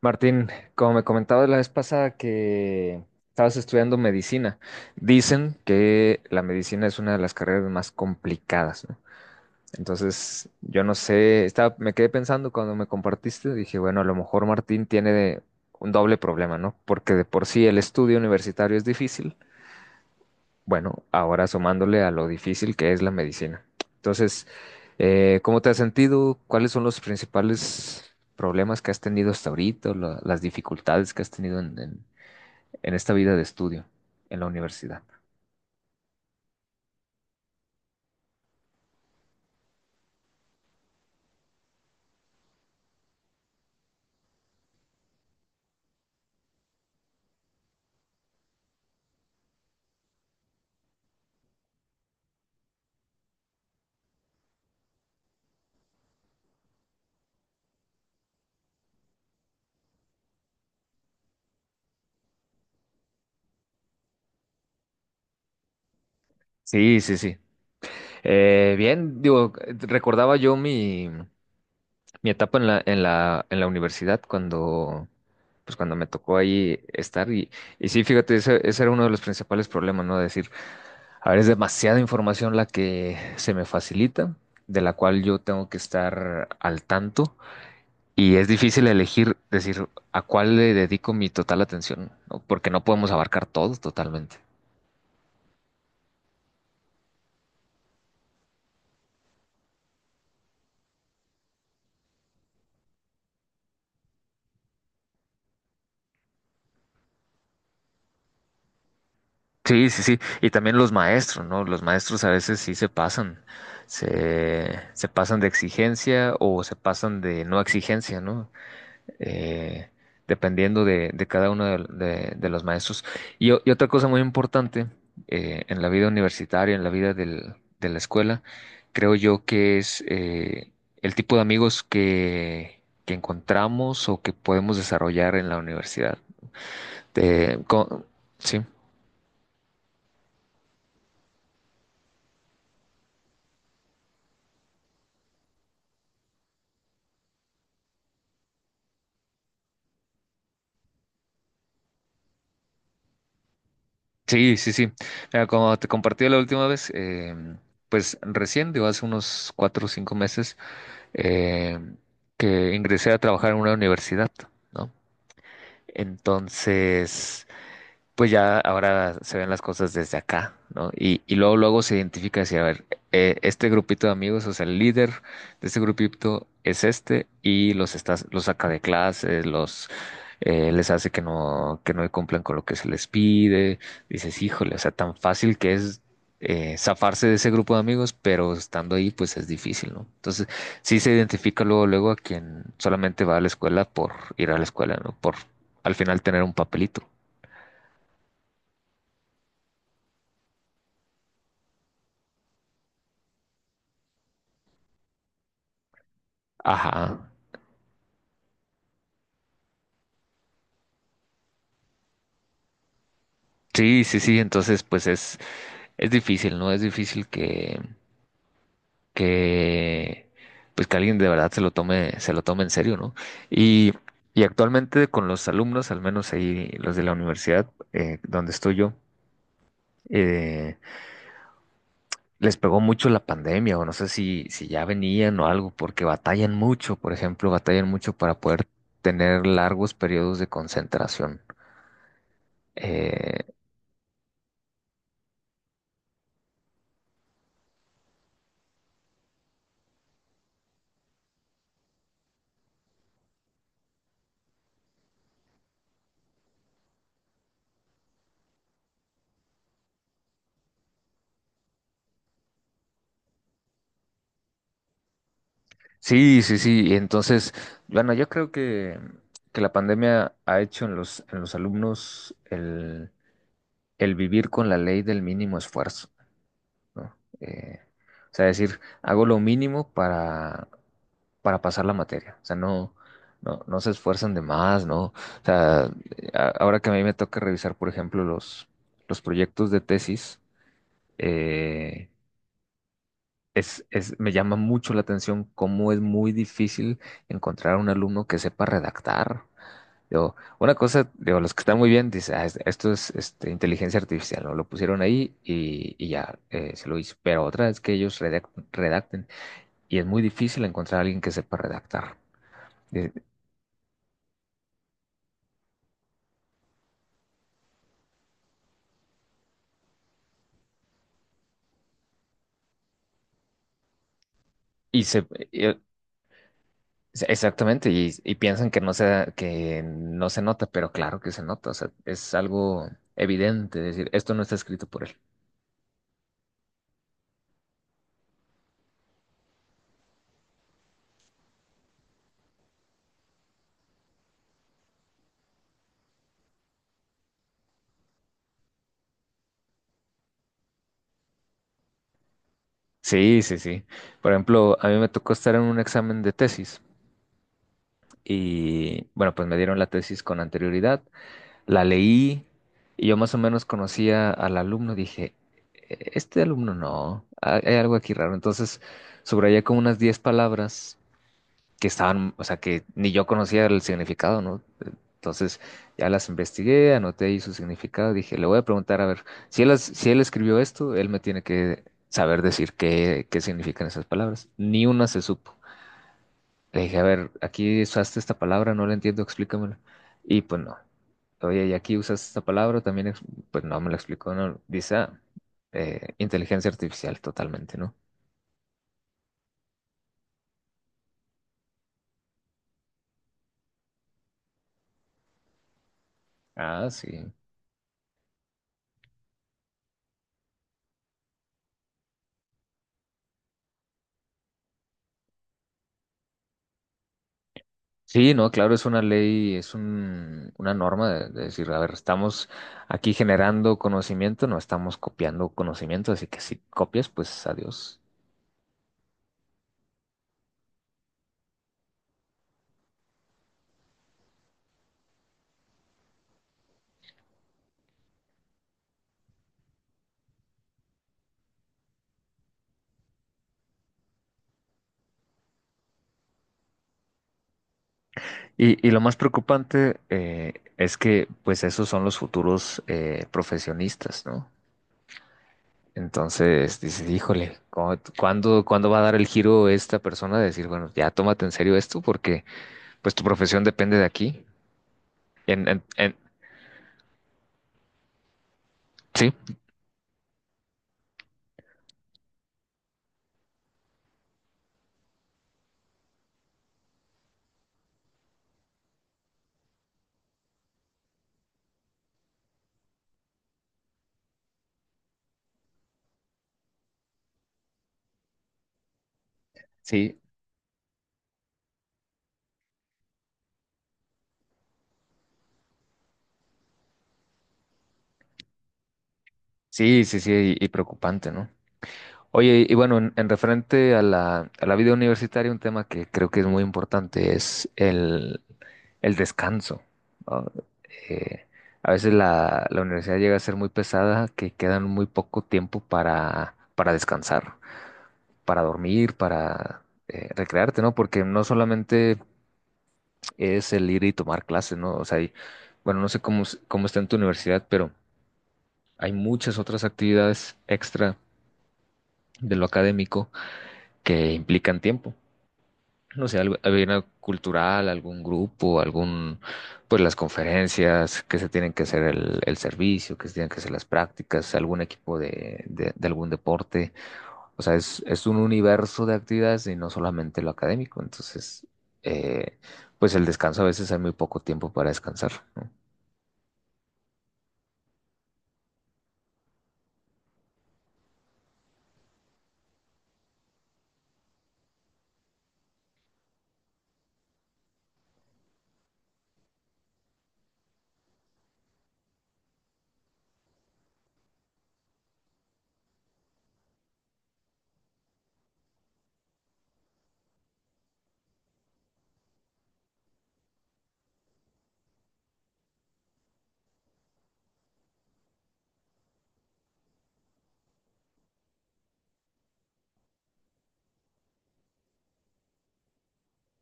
Martín, como me comentabas la vez pasada que estabas estudiando medicina, dicen que la medicina es una de las carreras más complicadas, ¿no? Entonces, yo no sé, estaba, me quedé pensando cuando me compartiste, dije, bueno, a lo mejor Martín tiene un doble problema, ¿no? Porque de por sí el estudio universitario es difícil, bueno, ahora sumándole a lo difícil que es la medicina. Entonces, ¿cómo te has sentido? ¿Cuáles son los principales problemas que has tenido hasta ahorita, o las dificultades que has tenido en en esta vida de estudio en la universidad? Sí, sí, sí. Bien, digo, recordaba yo mi etapa en la universidad cuando, pues cuando me tocó ahí estar y sí, fíjate, ese era uno de los principales problemas, ¿no? Decir, a ver, es demasiada información la que se me facilita, de la cual yo tengo que estar al tanto y es difícil elegir, decir, ¿a cuál le dedico mi total atención? ¿No? Porque no podemos abarcar todo totalmente. Sí, sí, sí. Y también los maestros, ¿no? Los maestros a veces sí se pasan, se pasan de exigencia o se pasan de no exigencia, ¿no? Eh, dependiendo de cada uno de los maestros. Y, y otra cosa muy importante, en la vida universitaria, en la vida de la escuela, creo yo que es, el tipo de amigos que encontramos o que podemos desarrollar en la universidad. Te- co- sí. Sí, sí, sí. Mira, como te compartí la última vez, pues recién, digo, hace unos cuatro o cinco meses, em, que ingresé a trabajar en una universidad, ¿no? Entonces, pues ya ahora se ven las cosas desde acá, ¿no? Y luego, luego se identifica así, a ver, este grupito de amigos, o sea, el líder de este grupito es este y los estás, los saca de clases, los, les hace que no cumplan con lo que se les pide. Dices, híjole, o sea, tan fácil que es, zafarse de ese grupo de amigos, pero estando ahí, pues es difícil, ¿no? Entonces, sí se identifica luego, luego a quien solamente va a la escuela por ir a la escuela, ¿no? Por al final tener un papelito. Ajá. Sí, sí, sí, entonces pues es difícil, ¿no? Es difícil que pues que alguien de verdad se lo tome en serio, ¿no? Y, y actualmente con los alumnos, al menos ahí los de la universidad, donde estoy yo, eh, les pegó mucho la pandemia, o no sé si ya venían o algo, porque batallan mucho, por ejemplo, batallan mucho para poder tener largos periodos de concentración. eh, Sí, sí, sí. Entonces, bueno, yo creo que la pandemia ha hecho en en los alumnos el vivir con la ley del mínimo esfuerzo, ¿no? Eh, o sea, decir, hago lo mínimo para pasar la materia. O sea, no se esfuerzan de más, ¿no? O sea, ahora que a mí me toca revisar, por ejemplo, los proyectos de tesis, eh, me llama mucho la atención cómo es muy difícil encontrar un alumno que sepa redactar. Digo, una cosa, digo, los que están muy bien dicen: "Ah, esto es este, inteligencia artificial, ¿no? Lo pusieron ahí y ya, se lo hizo". Pero otra es que ellos redacten, y es muy difícil encontrar a alguien que sepa redactar. Eh, Y, se, eh, exactamente, y piensan que no que no se nota, pero claro que se nota, o sea, es algo evidente, es decir, esto no está escrito por él. Sí, sí, sí. Por ejemplo, a mí me tocó estar en un examen de tesis, y bueno, pues me dieron la tesis con anterioridad, la leí, y yo más o menos conocía al alumno, dije: Este alumno no, hay algo aquí raro". Entonces, subrayé como unas 10 palabras que estaban, o sea, que ni yo conocía el significado, ¿no? Entonces ya las investigué, anoté ahí su significado, dije, le voy a preguntar, a ver, si él, si él escribió esto, él me tiene que saber decir qué, qué significan esas palabras. Ni una se supo. Le dije, a ver, aquí usaste esta palabra, no la entiendo, explícamela. Y pues no. Oye, y aquí usaste esta palabra, también, pues no me la explicó, no. Dice, ah, inteligencia artificial, totalmente, ¿no? Ah, sí. Sí, no, claro, es una ley, es un, una norma de decir, a ver, estamos aquí generando conocimiento, no estamos copiando conocimiento, así que si copias, pues adiós. Y lo más preocupante, es que, pues, esos son los futuros, profesionistas, ¿no? Entonces, dices, híjole, ¿cuándo, cuándo va a dar el giro esta persona de decir, bueno, ya tómate en serio esto porque, pues, tu profesión depende de aquí? En, en- en- sí, sí, sí, sí, sí, y preocupante, ¿no? Oye, y bueno, en referente a la vida universitaria, un tema que creo que es muy importante es el descanso, ¿no? Eh, a veces la universidad llega a ser muy pesada, que quedan muy poco tiempo para descansar, para dormir, para, recrearte, ¿no? Porque no solamente es el ir y tomar clases, ¿no? O sea, bueno, no sé cómo, cómo está en tu universidad, pero hay muchas otras actividades extra de lo académico que implican tiempo. No sé, alguna cultural, algún grupo, algún, pues las conferencias que se tienen que hacer, el servicio, que se tienen que hacer las prácticas, algún equipo de algún deporte. O sea, es un universo de actividades y no solamente lo académico. Entonces, eh, pues el descanso a veces hay muy poco tiempo para descansar, ¿no?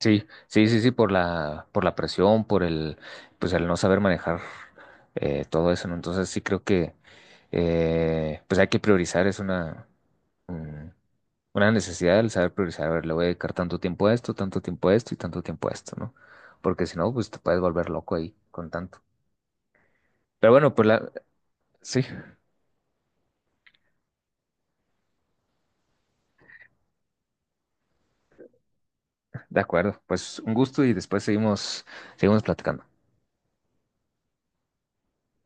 Sí, sí, sí, sí, por por la presión, por pues el no saber manejar, todo eso, ¿no? Entonces sí creo que, pues hay que priorizar, es una, mm, una necesidad el saber priorizar, a ver, le voy a dedicar tanto tiempo a esto, tanto tiempo a esto y tanto tiempo a esto, ¿no? Porque si no, pues te puedes volver loco ahí con tanto. Pero bueno, pues la, sí, de acuerdo, pues un gusto y después seguimos, seguimos platicando.